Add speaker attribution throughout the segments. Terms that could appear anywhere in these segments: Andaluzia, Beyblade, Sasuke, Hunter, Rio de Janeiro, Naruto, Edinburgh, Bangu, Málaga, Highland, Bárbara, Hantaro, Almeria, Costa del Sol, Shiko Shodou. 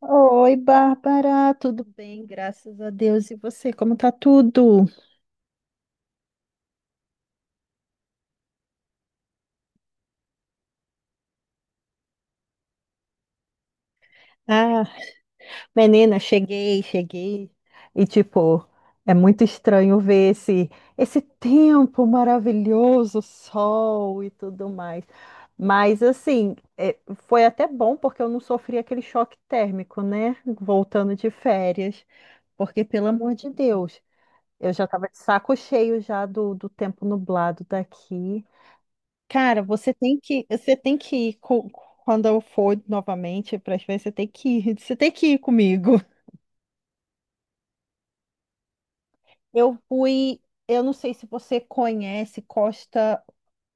Speaker 1: Oi, Bárbara, tudo bem? Graças a Deus. E você, como tá tudo? Ah, menina, cheguei. E tipo, é muito estranho ver esse tempo maravilhoso, sol e tudo mais. Mas assim, é, foi até bom porque eu não sofri aquele choque térmico, né? Voltando de férias, porque pelo amor de Deus, eu já tava de saco cheio já do tempo nublado daqui. Cara, você tem que ir quando eu for novamente para as vezes, você tem que ir comigo. Eu fui, eu não sei se você conhece Costa,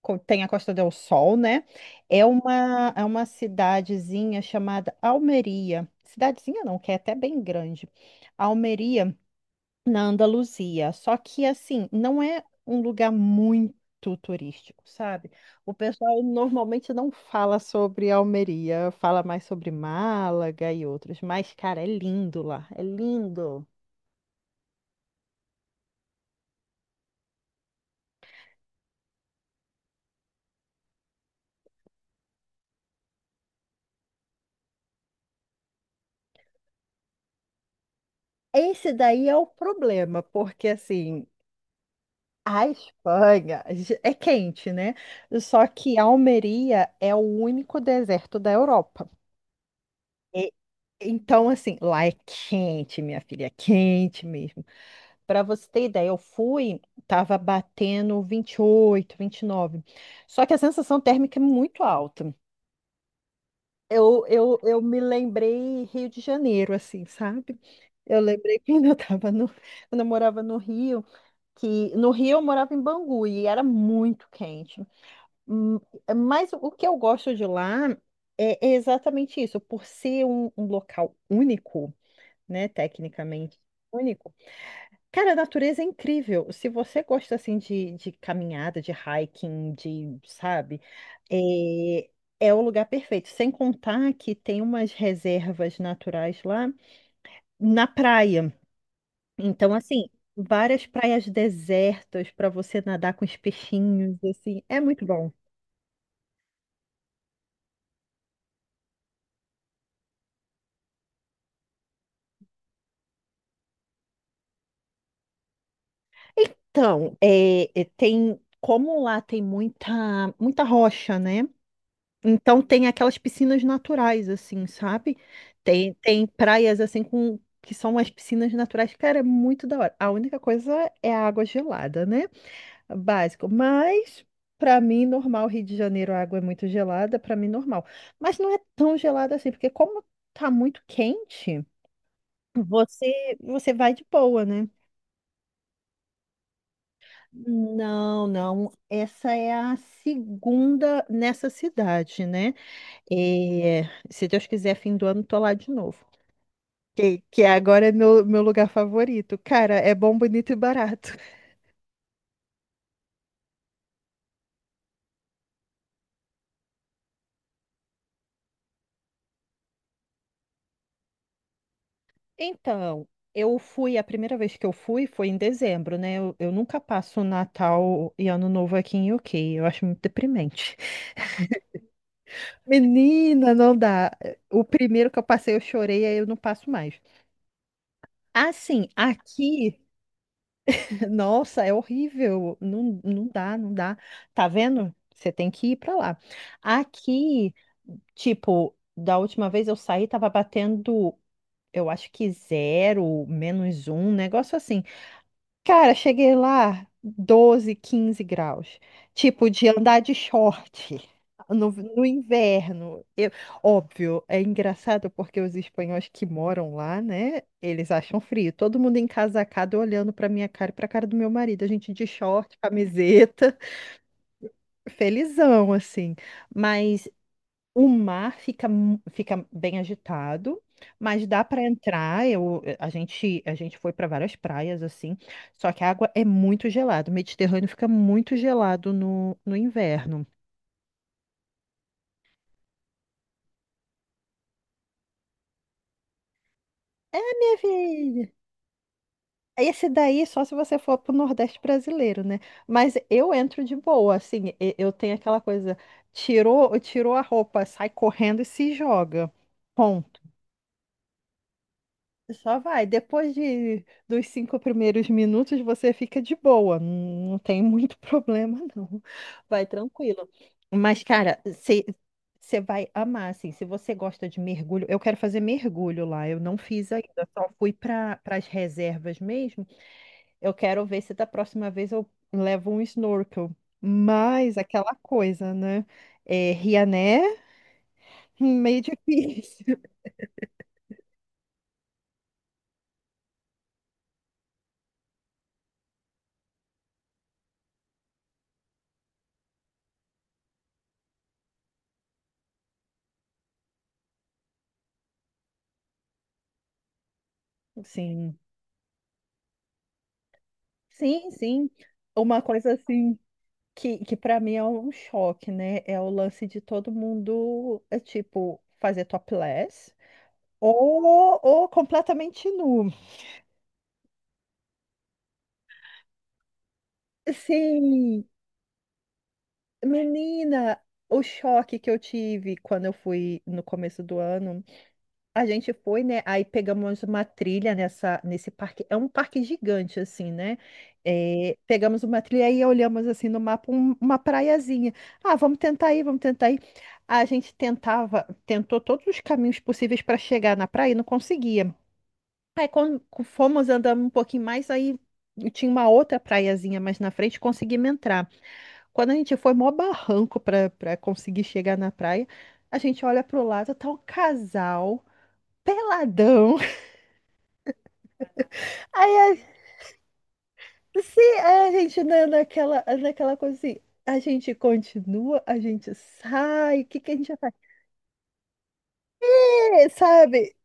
Speaker 1: co- tem a Costa del Sol, né? É uma cidadezinha chamada Almeria. Cidadezinha não, que é até bem grande. Almeria na Andaluzia. Só que, assim, não é um lugar muito turístico, sabe? O pessoal normalmente não fala sobre Almeria, fala mais sobre Málaga e outros. Mas, cara, é lindo lá, é lindo. Esse daí é o problema, porque, assim. A Espanha é quente, né? Só que Almeria é o único deserto da Europa. E- Então, assim, lá é quente, minha filha, é quente mesmo. Para você ter ideia, eu fui, tava batendo 28, 29. Só que a sensação térmica é muito alta. Eu me lembrei Rio de Janeiro, assim, sabe? Eu lembrei quando eu tava quando eu morava no Rio, que no Rio eu morava em Bangu e era muito quente. Hum, Mas o que eu gosto de lá é exatamente isso, por ser um local único, né, tecnicamente único. Cara, a natureza é incrível. Se você gosta assim de caminhada, de hiking, de, sabe, é, é o lugar perfeito. Sem contar que tem umas reservas naturais lá na praia. Então, assim, várias praias desertas para você nadar com os peixinhos, assim, é muito bom. Então, é, tem como lá tem muita muita rocha, né? Então tem aquelas piscinas naturais, assim, sabe? Tem praias assim com que são as piscinas naturais, cara, é muito da hora. A única coisa é a água gelada, né? Básico. Mas pra mim normal, Rio de Janeiro, a água é muito gelada, pra mim normal. Mas não é tão gelada assim, porque como tá muito quente, você vai de boa, né? Não, não. Essa é a segunda nessa cidade, né? E se Deus quiser, fim do ano, tô lá de novo. Que agora é meu lugar favorito. Cara, é bom, bonito e barato. Então, eu fui, a primeira vez que eu fui foi em dezembro, né? Eu nunca passo Natal e Ano Novo aqui em UK. Eu acho muito deprimente. Menina, não dá. O primeiro que eu passei, eu chorei, aí eu não passo mais. Assim, aqui. Nossa, é horrível. Não, não dá, não dá. Tá vendo? Você tem que ir pra lá. Aqui, tipo, da última vez eu saí, tava batendo, eu acho que zero, menos um, um negócio assim. Cara, cheguei lá 12, 15 graus. Tipo, de andar de short no inverno. Óbvio, é engraçado porque os espanhóis que moram lá, né? Eles acham frio. Todo mundo encasacado olhando pra minha cara e pra cara do meu marido. A gente de short, camiseta, felizão, assim. Mas o mar fica, fica bem agitado, mas dá para entrar. A gente foi para várias praias assim, só que a água é muito gelada. O Mediterrâneo fica muito gelado no inverno. É, minha filha. Esse daí só se você for pro Nordeste brasileiro, né? Mas eu entro de boa, assim, eu tenho aquela coisa, tirou a roupa, sai correndo e se joga. Ponto. Só vai. Dos cinco primeiros minutos, você fica de boa. Não, não tem muito problema, não. Vai tranquilo. Mas, cara, você vai amar, assim. Se você gosta de mergulho, eu quero fazer mergulho lá. Eu não fiz ainda, só fui para as reservas mesmo. Eu quero ver se da próxima vez eu levo um snorkel. Mas aquela coisa, né? É, Riané, meio difícil. Sim, sim. Uma coisa assim. Que para mim é um choque, né? É o lance de todo mundo, é tipo, fazer topless ou completamente nu. Sim, menina, o choque que eu tive quando eu fui no começo do ano. A gente foi, né? Aí pegamos uma trilha nesse parque. É um parque gigante, assim, né? É, pegamos uma trilha e olhamos assim no mapa uma praiazinha. Ah, vamos tentar ir. A gente tentou todos os caminhos possíveis para chegar na praia e não conseguia. Aí quando fomos andando um pouquinho mais, aí tinha uma outra praiazinha mais na frente, conseguimos entrar. Quando a gente foi, mó barranco para conseguir chegar na praia. A gente olha para o lado, tá um casal peladão. Aí, a- se a gente na, naquela, naquela coisa assim, a gente continua, a gente sai, o que que a gente faz? É, sabe?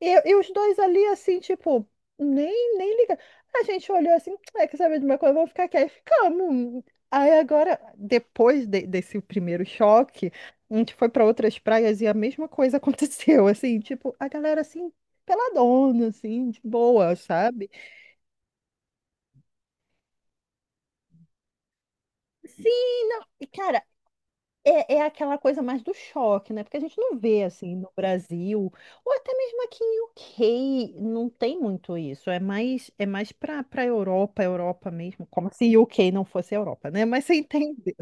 Speaker 1: E os dois ali, assim, tipo, nem liga. A gente olhou assim, é que sabe de uma coisa, vamos ficar aqui. Aí ficamos. Aí agora, desse primeiro choque, a gente foi para outras praias e a mesma coisa aconteceu, assim, tipo, a galera assim, peladona, assim, de boa, sabe? Sim, não. E, cara, é, é aquela coisa mais do choque, né? Porque a gente não vê assim no Brasil, ou até mesmo aqui em UK, não tem muito isso. É mais para Europa, Europa mesmo, como se UK não fosse Europa, né? Mas você entendeu.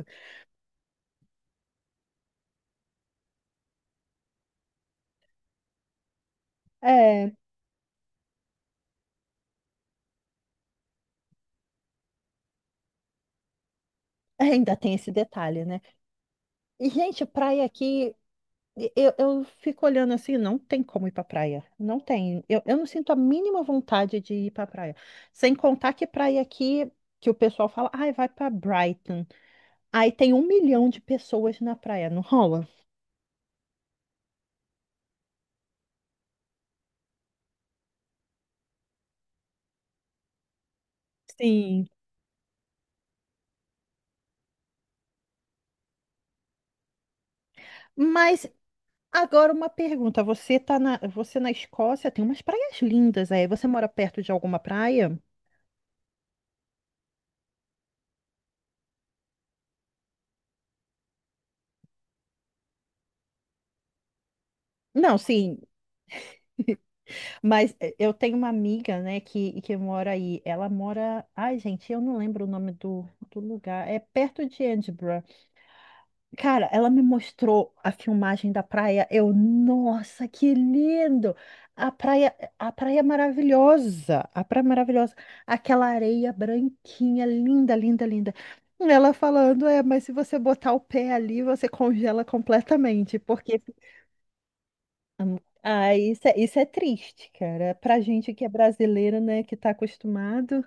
Speaker 1: É, ainda tem esse detalhe, né? E, gente, praia aqui, eu fico olhando assim, não tem como ir pra praia. Não tem. Eu não sinto a mínima vontade de ir pra praia. Sem contar que praia aqui, que o pessoal fala, ai, vai pra Brighton. Aí tem um milhão de pessoas na praia, não rola? Sim. Mas agora uma pergunta, você na Escócia tem umas praias lindas aí, você mora perto de alguma praia? Não, sim, mas eh, eu tenho uma amiga, né, que mora aí, ela mora, ai gente, eu não lembro o nome do lugar, é perto de Edinburgh. Cara, ela me mostrou a filmagem da praia. Eu, nossa, que lindo! A praia é maravilhosa, a praia é maravilhosa, aquela areia branquinha, linda. Ela falando, é, mas se você botar o pé ali, você congela completamente, porque hum, ah, isso é triste, cara. Pra gente que é brasileiro, né, que tá acostumado.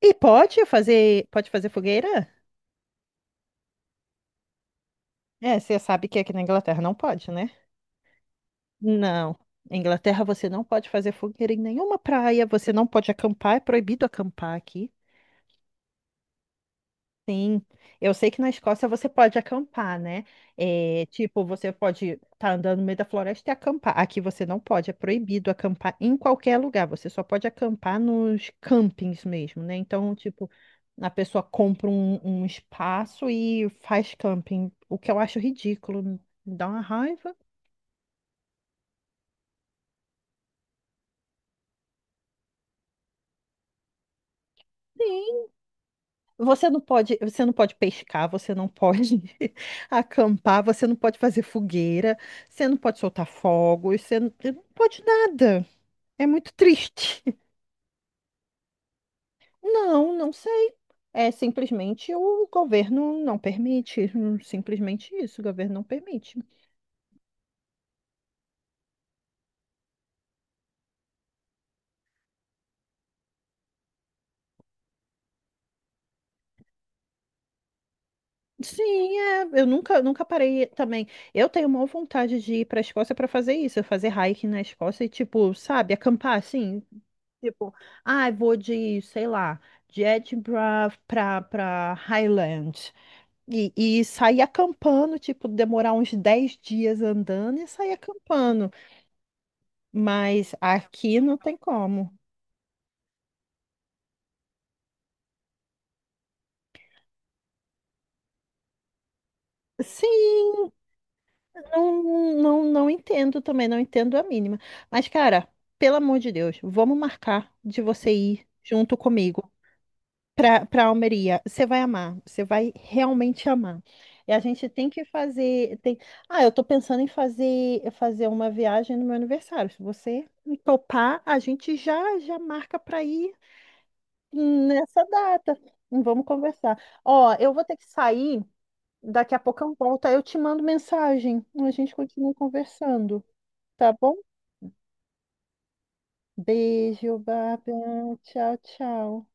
Speaker 1: E pode fazer fogueira? É, você sabe que aqui na Inglaterra não pode, né? Não. Na Inglaterra você não pode fazer fogueira em nenhuma praia, você não pode acampar, é proibido acampar aqui. Sim, eu sei que na Escócia você pode acampar, né? É, tipo, você pode estar andando no meio da floresta e acampar. Aqui você não pode, é proibido acampar em qualquer lugar. Você só pode acampar nos campings mesmo, né? Então, tipo, a pessoa compra um espaço e faz camping, o que eu acho ridículo, me dá uma raiva. Sim. Você não pode pescar, você não pode acampar, você não pode fazer fogueira, você não pode soltar fogos, você não, não pode nada. É muito triste. Não, não sei. É simplesmente o governo não permite. Simplesmente isso, o governo não permite. Sim, é, eu nunca, nunca parei também. Eu tenho maior vontade de ir para a Escócia para fazer isso, eu fazer hiking na Escócia e tipo, sabe, acampar assim, tipo, ah, vou de, sei lá, de Edinburgh pra Highland. E, e sair acampando, tipo, demorar uns 10 dias andando e sair acampando. Mas aqui não tem como. Sim, não, não, não entendo também, não entendo a mínima. Mas, cara, pelo amor de Deus, vamos marcar de você ir junto comigo. Para Almeria. Você vai amar, você vai realmente amar. E a gente tem que fazer, tem... Ah, eu tô pensando em fazer uma viagem no meu aniversário. Se você me topar, a gente já marca para ir nessa data. Vamos conversar. Ó, eu vou ter que sair, daqui a pouco eu volto, aí eu te mando mensagem. A gente continua conversando, tá bom? Beijo, Bárbara. Tchau, tchau.